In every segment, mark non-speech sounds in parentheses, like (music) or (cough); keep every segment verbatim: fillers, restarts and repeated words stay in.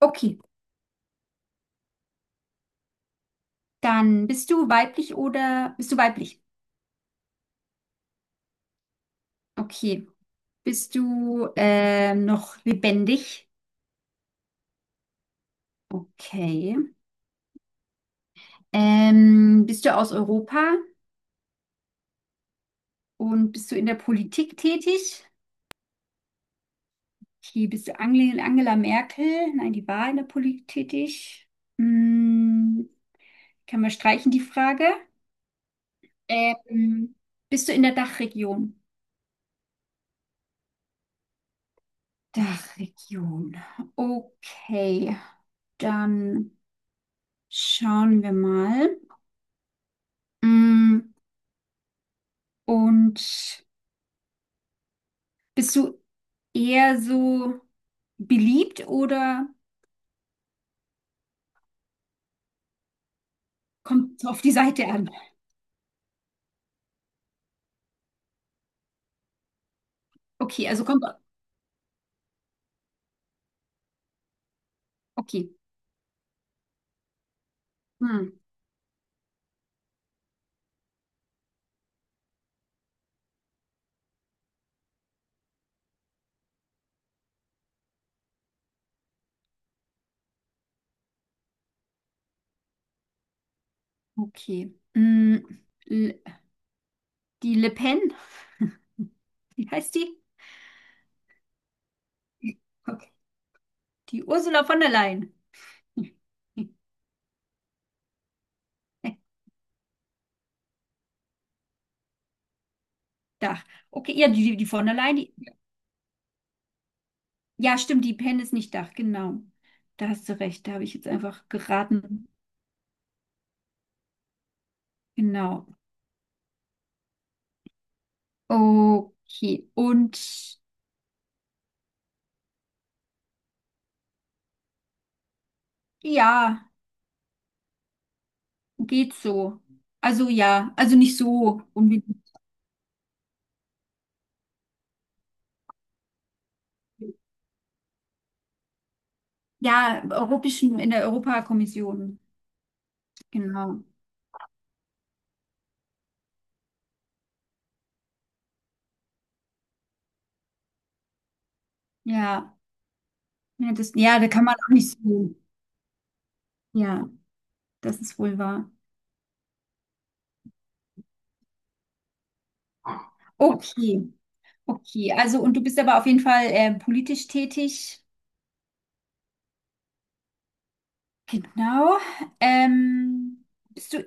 Okay, dann bist du weiblich oder bist du weiblich? Okay. Bist du ähm, noch lebendig? Okay. Ähm, bist du aus Europa und bist du in der Politik tätig? Okay, bist du Angela, Angela Merkel? Nein, die war in der Politik tätig. Hm, kann man streichen die Frage? Ähm, bist du in der Dachregion? Dachregion. Okay, dann schauen wir mal. Mm, Und bist du eher so beliebt oder kommt es auf die Seite an? Okay, also kommt. Okay. Hm, okay. Hm, L- die Le Pen, (laughs) wie heißt die? Okay. Die Ursula von der Leyen. (laughs) Dach. Okay, ja, die, die von der Leyen. Die, ja, stimmt, die Pen ist nicht Dach, genau. Da hast du recht, da habe ich jetzt einfach geraten. Genau. Okay. Und ja. Geht so. Also ja, also nicht so unbedingt. Ja, europäischen, in der Europakommission. Genau. Ja. Ja, das, ja, da kann man auch nicht so. Ja, das ist wohl wahr. Okay. Okay. Also, und du bist aber auf jeden Fall äh, politisch tätig. Genau. Ähm, bist du,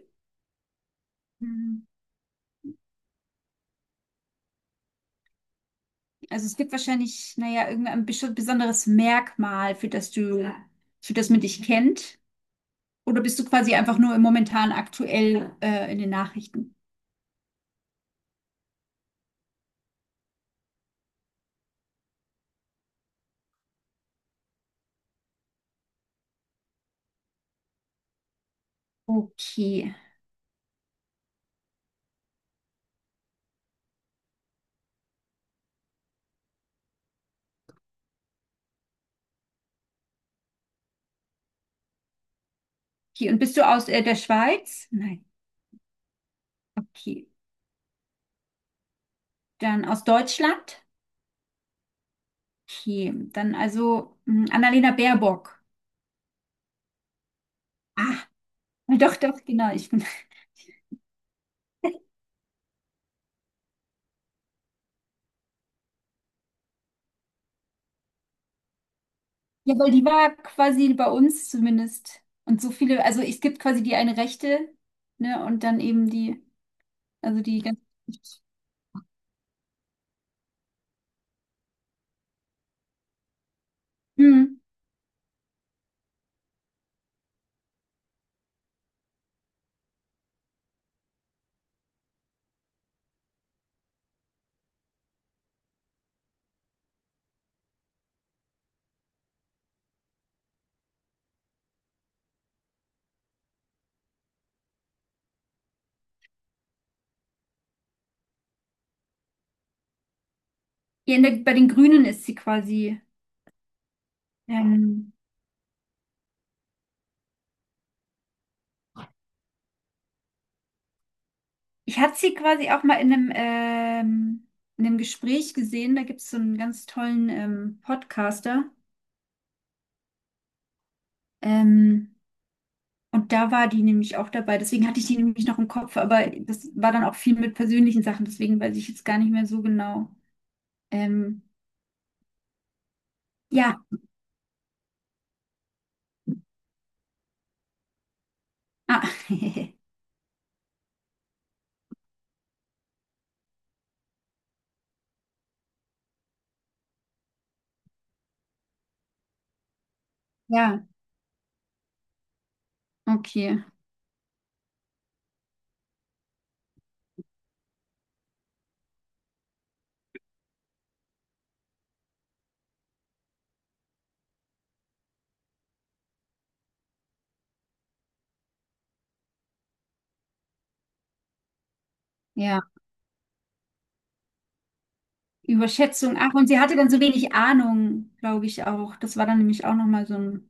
hm, also es gibt wahrscheinlich, naja, irgendein besch- besonderes Merkmal, für das du, für das man dich kennt. Oder bist du quasi einfach nur im momentan aktuell äh, in den Nachrichten? Okay. Okay. Und bist du aus äh, der Schweiz? Nein. Okay. Dann aus Deutschland? Okay. Dann also mh, Annalena Baerbock. Ah, (laughs) doch, doch, genau. Ich bin. (laughs) Ja, weil die war quasi bei uns zumindest. Und so viele, also es gibt quasi die eine Rechte, ne? Und dann eben die, also die ganz. Mhm. Ja, in der, bei den Grünen ist sie quasi. Ähm, Ich hatte sie quasi auch mal in einem, ähm, in einem Gespräch gesehen. Da gibt es so einen ganz tollen ähm, Podcaster. Ähm, und da war die nämlich auch dabei. Deswegen hatte ich die nämlich noch im Kopf. Aber das war dann auch viel mit persönlichen Sachen. Deswegen weiß ich jetzt gar nicht mehr so genau. Ähm, ja. Ah. (laughs) Ja, okay. Ja. Überschätzung. Ach, und sie hatte dann so wenig Ahnung, glaube ich auch. Das war dann nämlich auch nochmal so ein.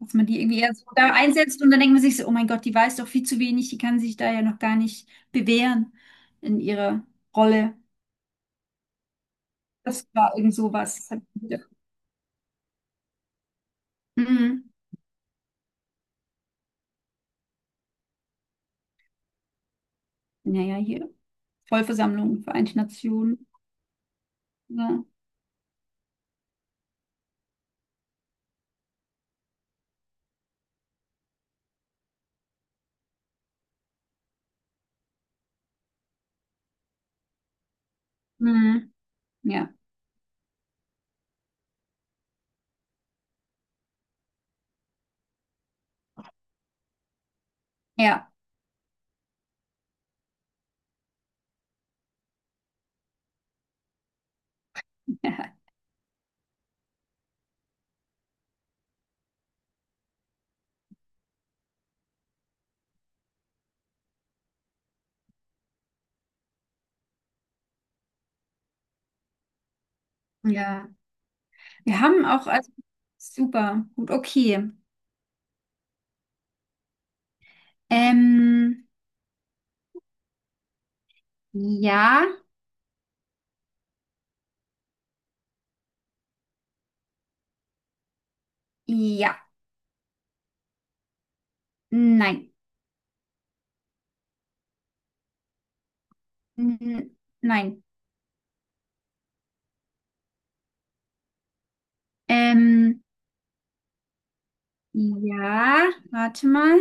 Dass man die irgendwie eher so da einsetzt und dann denkt man sich so, oh mein Gott, die weiß doch viel zu wenig, die kann sich da ja noch gar nicht bewähren in ihrer Rolle. Das war irgend sowas. Das hat- Mhm. Naja, hier. Vollversammlung, Vereinte Nationen. Ja. Mhm. Ja. Ja. (laughs) Ja. Wir haben auch, also, super, gut, okay. Ähm, ja, ja, nein, N- nein. Ähm, ja, warte mal.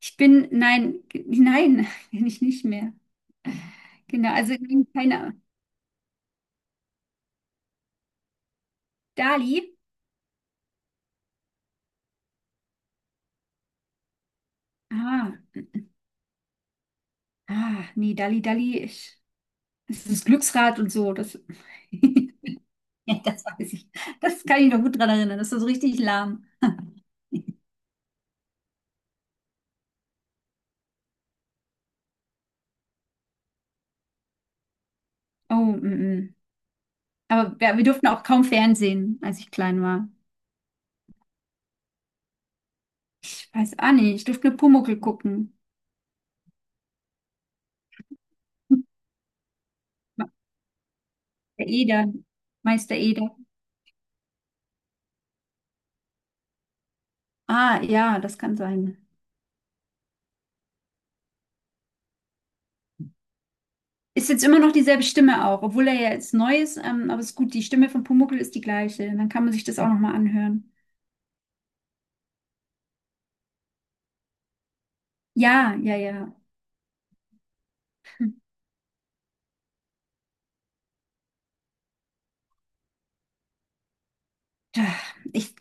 Ich bin, nein, g- nein, (laughs) bin ich nicht mehr. Genau, also nein, keine. Dali? Ah, ah, nee, Dali, Dali, ich, das ist das Glücksrad und so. Das, (laughs) ja, das weiß ich. Das kann ich noch gut dran erinnern. Das war so richtig lahm. Oh, mm, mm. Aber wir, wir durften auch kaum Fernsehen, als ich klein war. Ich weiß auch nicht, ich durfte nur Pumuckl gucken. (laughs) Meister Eder, Meister Eder. Ah, ja, das kann sein. Ist jetzt immer noch dieselbe Stimme auch, obwohl er ja jetzt neu ist, ähm, aber ist gut, die Stimme von Pumuckl ist die gleiche. Dann kann man sich das auch nochmal anhören. Ja, ja, ja. Da, ich,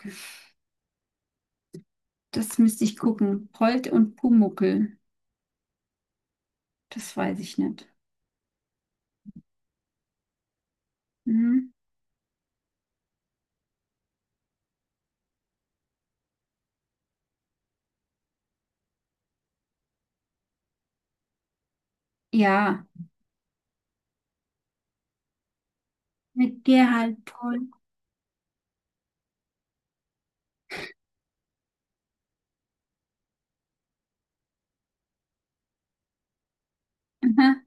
das müsste ich gucken. Holt und Pumuckl, das weiß ich nicht. Hm? Ja, mit Gerhard Polt. Aha.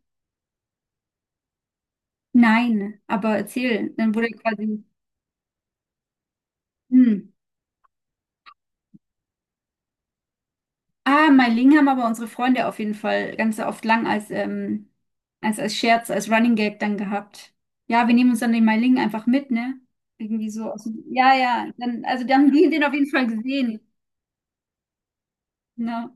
Nein, aber erzähl, dann wurde quasi. Hm. Ah, Meiling haben aber unsere Freunde auf jeden Fall ganz oft lang als, ähm, als, als Scherz, als Running Gag dann gehabt. Ja, wir nehmen uns dann den Meiling einfach mit, ne? Irgendwie so aus dem, ja, ja, dann, also dann haben die den auf jeden Fall gesehen. Ne?